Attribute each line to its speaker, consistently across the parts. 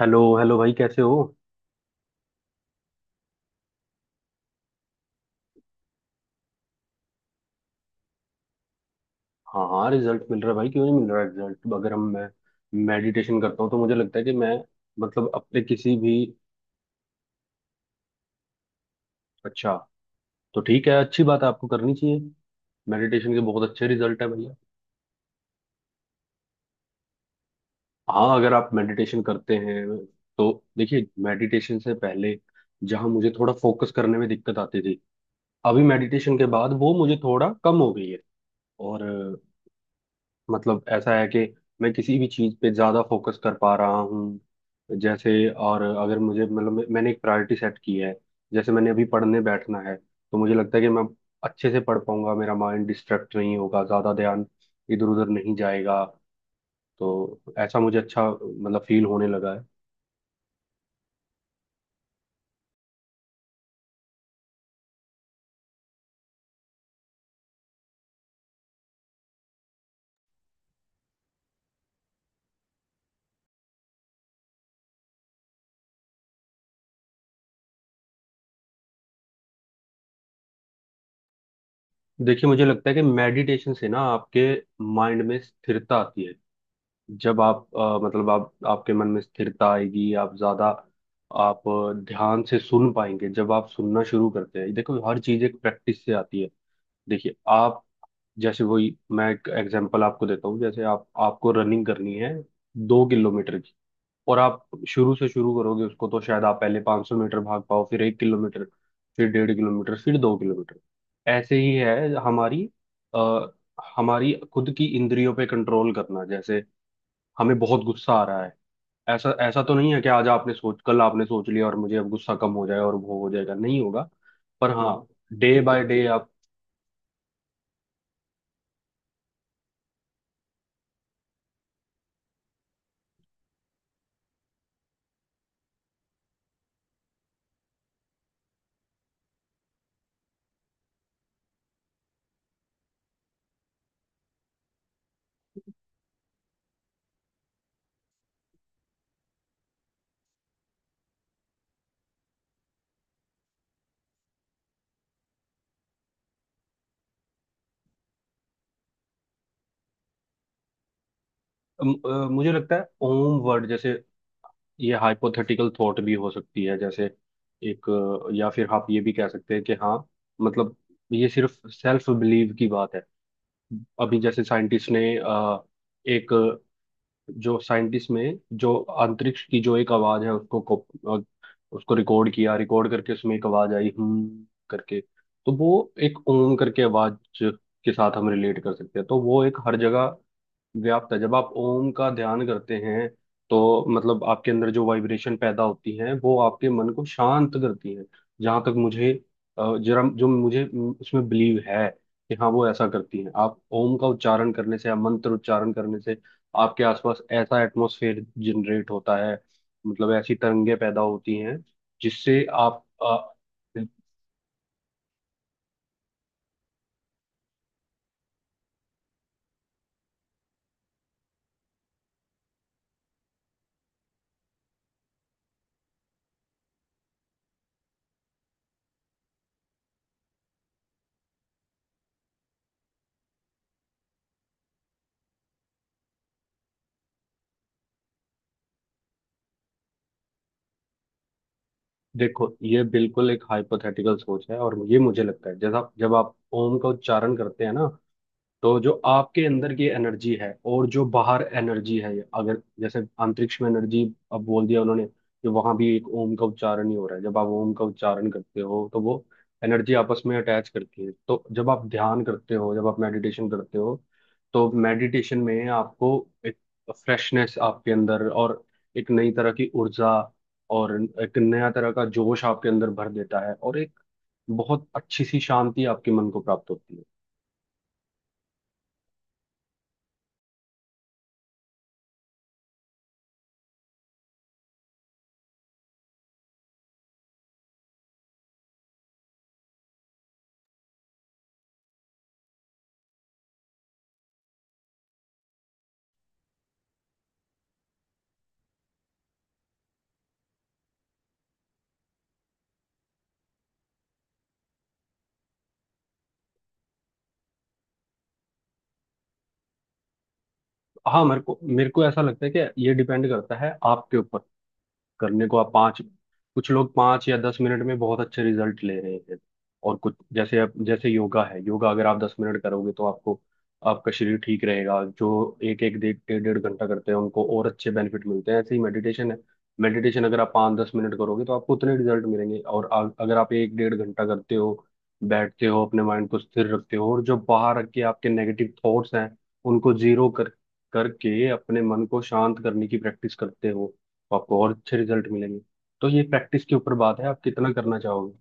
Speaker 1: Hello hello भाई, कैसे हो? हाँ हाँ, रिजल्ट मिल रहा है भाई। क्यों नहीं मिल रहा रिजल्ट? अगर हम मैं मेडिटेशन करता हूँ तो मुझे लगता है कि मैं मतलब अपने किसी भी। अच्छा, तो ठीक है, अच्छी बात है, आपको करनी चाहिए। मेडिटेशन के बहुत अच्छे रिजल्ट है भैया। हाँ, अगर आप मेडिटेशन करते हैं तो देखिए, मेडिटेशन से पहले जहाँ मुझे थोड़ा फोकस करने में दिक्कत आती थी, अभी मेडिटेशन के बाद वो मुझे थोड़ा कम हो गई है। और मतलब ऐसा है कि मैं किसी भी चीज़ पे ज़्यादा फोकस कर पा रहा हूँ। जैसे, और अगर मुझे मतलब मैंने एक प्रायोरिटी सेट की है। जैसे मैंने अभी पढ़ने बैठना है तो मुझे लगता है कि मैं अच्छे से पढ़ पाऊंगा, मेरा माइंड डिस्ट्रैक्ट नहीं होगा, ज़्यादा ध्यान इधर उधर नहीं जाएगा। तो ऐसा मुझे अच्छा मतलब फील होने लगा है। देखिए, मुझे लगता है कि मेडिटेशन से ना आपके माइंड में स्थिरता आती है। जब आप मतलब आप आपके मन में स्थिरता आएगी, आप ज्यादा आप ध्यान से सुन पाएंगे। जब आप सुनना शुरू करते हैं, देखो, हर चीज एक प्रैक्टिस से आती है। देखिए आप, जैसे वही, मैं एक एग्जांपल आपको देता हूँ। जैसे आप, आपको रनिंग करनी है, दो किलोमीटर की। और आप शुरू से शुरू करोगे उसको तो शायद आप पहले 500 मीटर भाग पाओ, फिर एक किलोमीटर, फिर डेढ़ किलोमीटर, फिर दो किलोमीटर। ऐसे ही है हमारी, अ, हमारी खुद की इंद्रियों पे कंट्रोल करना। जैसे हमें बहुत गुस्सा आ रहा है, ऐसा ऐसा तो नहीं है कि आज आपने सोच, कल आपने सोच लिया और मुझे अब गुस्सा कम हो जाए और वो हो जाएगा, नहीं होगा। पर हाँ, डे बाय डे आप। मुझे लगता है ओम वर्ड जैसे, ये हाइपोथेटिकल थॉट भी हो सकती है। जैसे एक, या फिर आप ये भी कह सकते हैं कि हाँ मतलब ये सिर्फ सेल्फ बिलीव की बात है। अभी जैसे साइंटिस्ट ने एक, जो साइंटिस्ट में जो अंतरिक्ष की जो एक आवाज है, उसको रिकॉर्ड किया, रिकॉर्ड करके उसमें एक आवाज आई हम करके। तो वो एक ओम करके आवाज के साथ हम रिलेट कर सकते हैं। तो वो एक हर जगह व्याप्त है। जब आप ओम का ध्यान करते हैं तो मतलब आपके अंदर जो वाइब्रेशन पैदा होती है वो आपके मन को शांत करती है। जहां तक मुझे जरा जो मुझे उसमें बिलीव है कि हाँ वो ऐसा करती है। आप ओम का उच्चारण करने से या मंत्र उच्चारण करने से आपके आसपास ऐसा एटमॉस्फेयर जनरेट होता है, मतलब ऐसी तरंगे पैदा होती हैं जिससे आप देखो, ये बिल्कुल एक हाइपोथेटिकल सोच है, और ये मुझे लगता है, जैसा जब आप ओम का उच्चारण करते हैं ना, तो जो आपके अंदर की एनर्जी है और जो बाहर एनर्जी है, अगर जैसे अंतरिक्ष में एनर्जी, अब बोल दिया उन्होंने कि वहां भी एक ओम का उच्चारण ही हो रहा है। जब आप ओम का उच्चारण करते हो तो वो एनर्जी आपस में अटैच करती है। तो जब आप ध्यान करते हो, जब आप मेडिटेशन करते हो, तो मेडिटेशन में आपको एक फ्रेशनेस आपके अंदर, और एक नई तरह की ऊर्जा, और एक नया तरह का जोश आपके अंदर भर देता है, और एक बहुत अच्छी सी शांति आपके मन को प्राप्त होती है। हाँ, मेरे को ऐसा लगता है कि ये डिपेंड करता है आपके ऊपर। करने को आप पाँच, कुछ लोग पाँच या दस मिनट में बहुत अच्छे रिजल्ट ले रहे हैं, और कुछ, जैसे आप जैसे योगा है, योगा अगर आप दस मिनट करोगे तो आपको, आपका शरीर ठीक रहेगा। जो एक एक डेढ़ डेढ़ डेढ़ घंटा करते हैं उनको और अच्छे बेनिफिट मिलते हैं। ऐसे ही मेडिटेशन है। मेडिटेशन अगर आप पाँच दस मिनट करोगे तो आपको उतने रिजल्ट मिलेंगे, और अगर आप एक डेढ़ घंटा करते हो, बैठते हो, अपने माइंड को स्थिर रखते हो, और जो बाहर के आपके नेगेटिव थॉट्स हैं उनको जीरो कर करके अपने मन को शांत करने की प्रैक्टिस करते हो, तो आपको और अच्छे रिजल्ट मिलेंगे। तो ये प्रैक्टिस के ऊपर बात है, आप कितना करना चाहोगे।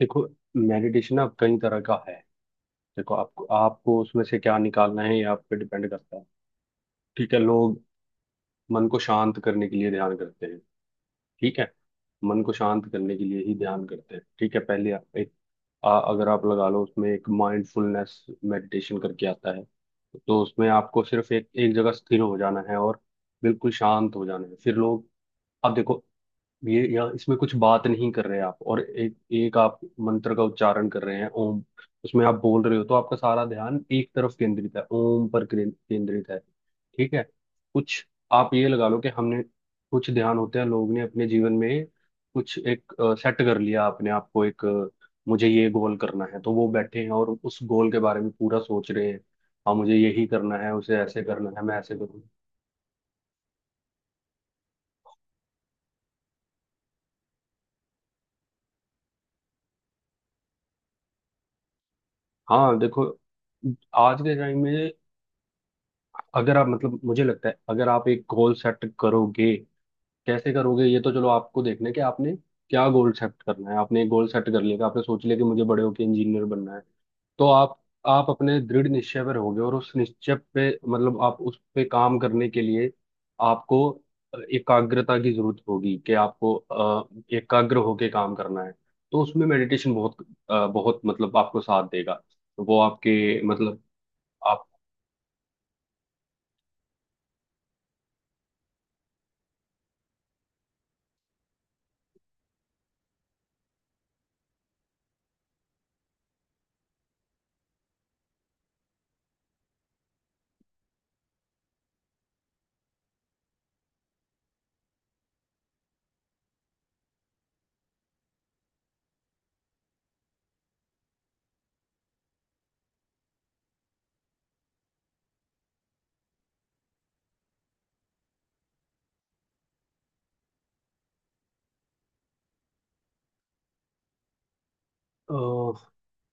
Speaker 1: देखो, मेडिटेशन अब कई तरह का है। देखो, आपको आपको उसमें से क्या निकालना है ये आप पे डिपेंड करता है। ठीक है, लोग मन को शांत करने के लिए ध्यान करते हैं। ठीक है, मन को शांत करने के लिए ही ध्यान करते हैं। ठीक है, पहले आप एक अगर आप लगा लो उसमें एक माइंडफुलनेस मेडिटेशन करके आता है, तो उसमें आपको सिर्फ एक एक जगह स्थिर हो जाना है और बिल्कुल शांत हो जाना है। फिर लोग, अब देखो, ये यहाँ इसमें कुछ बात नहीं कर रहे आप, और एक एक आप मंत्र का उच्चारण कर रहे हैं ओम। उसमें आप बोल रहे हो तो आपका सारा ध्यान एक तरफ केंद्रित है, ओम पर केंद्रित है। ठीक है, कुछ, आप ये लगा लो कि हमने कुछ ध्यान होते हैं, लोग ने अपने जीवन में कुछ एक सेट कर लिया, अपने आप को एक मुझे ये गोल करना है, तो वो बैठे हैं और उस गोल के बारे में पूरा सोच रहे हैं। हाँ, मुझे यही करना है, उसे ऐसे करना है, मैं ऐसे करूँ। हाँ देखो, आज के टाइम में अगर आप मतलब मुझे लगता है, अगर आप एक गोल सेट करोगे, कैसे करोगे, ये तो चलो आपको देखना है कि आपने क्या गोल सेट करना है। आपने एक गोल सेट कर लिया कि आपने सोच लिया कि मुझे बड़े होकर इंजीनियर बनना है, तो आप अपने दृढ़ निश्चय पर होगे, और उस निश्चय पे मतलब आप उस पे काम करने के लिए आपको एकाग्रता की जरूरत होगी कि आपको एकाग्र होके काम करना है। तो उसमें मेडिटेशन बहुत बहुत मतलब आपको साथ देगा। वो आपके मतलब,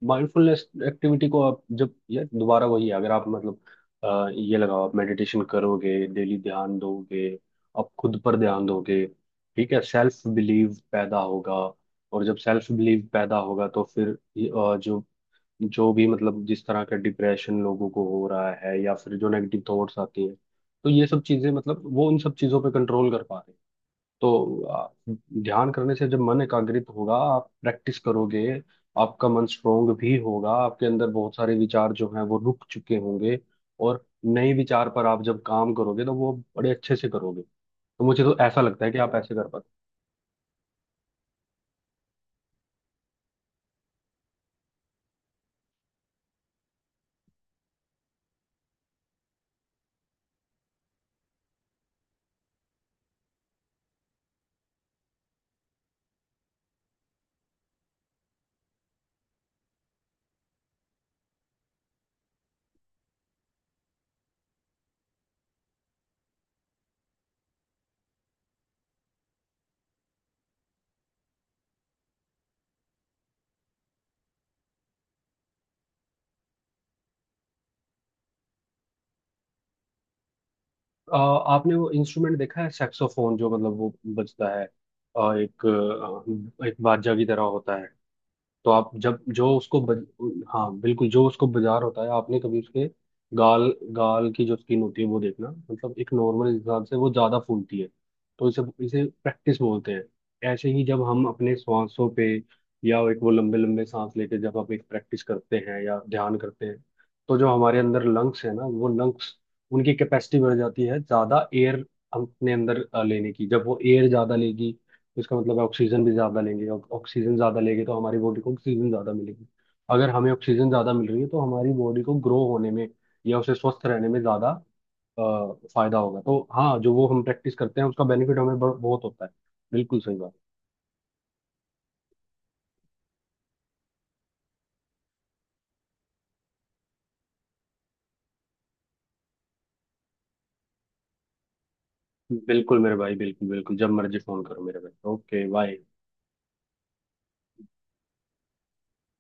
Speaker 1: माइंडफुलनेस एक्टिविटी को आप जब यार दोबारा वही है, अगर आप मतलब ये लगाओ, आप मेडिटेशन करोगे, डेली ध्यान दोगे, आप खुद पर ध्यान दोगे, ठीक है, सेल्फ बिलीव पैदा होगा। और जब सेल्फ बिलीव पैदा होगा तो फिर जो जो भी मतलब जिस तरह का डिप्रेशन लोगों को हो रहा है, या फिर जो नेगेटिव थॉट्स आती हैं, तो ये सब चीजें, मतलब वो उन सब चीजों पे कंट्रोल कर पा रहे हैं। तो ध्यान करने से जब मन एकाग्रित होगा, आप प्रैक्टिस करोगे, आपका मन स्ट्रोंग भी होगा, आपके अंदर बहुत सारे विचार जो हैं वो रुक चुके होंगे और नए विचार पर आप जब काम करोगे तो वो बड़े अच्छे से करोगे। तो मुझे तो ऐसा लगता है कि आप ऐसे कर पाते। आ, आपने वो इंस्ट्रूमेंट देखा है, सैक्सोफोन जो मतलब वो बजता है, एक एक बाजा की तरह होता है। तो आप जब जो उसको हाँ बिल्कुल, जो उसको बाजार होता है, आपने कभी उसके गाल गाल की जो स्किन होती है वो देखना, मतलब एक नॉर्मल इंसान से वो ज्यादा फूलती है। तो इसे इसे प्रैक्टिस बोलते हैं। ऐसे ही जब हम अपने सांसों पे, या एक वो लंबे लंबे सांस लेके जब हम एक प्रैक्टिस करते हैं या ध्यान करते हैं, तो जो हमारे अंदर लंग्स है ना, वो लंग्स, उनकी कैपेसिटी बढ़ जाती है। ज्यादा एयर हम अपने अंदर लेने की, जब वो एयर ज्यादा लेगी तो इसका मतलब है ऑक्सीजन भी ज़्यादा लेंगे, ऑक्सीजन ज़्यादा लेंगे तो हमारी बॉडी को ऑक्सीजन ज़्यादा मिलेगी। अगर हमें ऑक्सीजन ज़्यादा मिल रही है तो हमारी बॉडी को ग्रो होने में या उसे स्वस्थ रहने में ज़्यादा फायदा होगा। तो हाँ, जो वो हम प्रैक्टिस करते हैं उसका बेनिफिट हमें बहुत होता है। बिल्कुल सही बात। बिल्कुल मेरे भाई, बिल्कुल बिल्कुल, जब मर्जी फ़ोन करो मेरे भाई। Okay bye.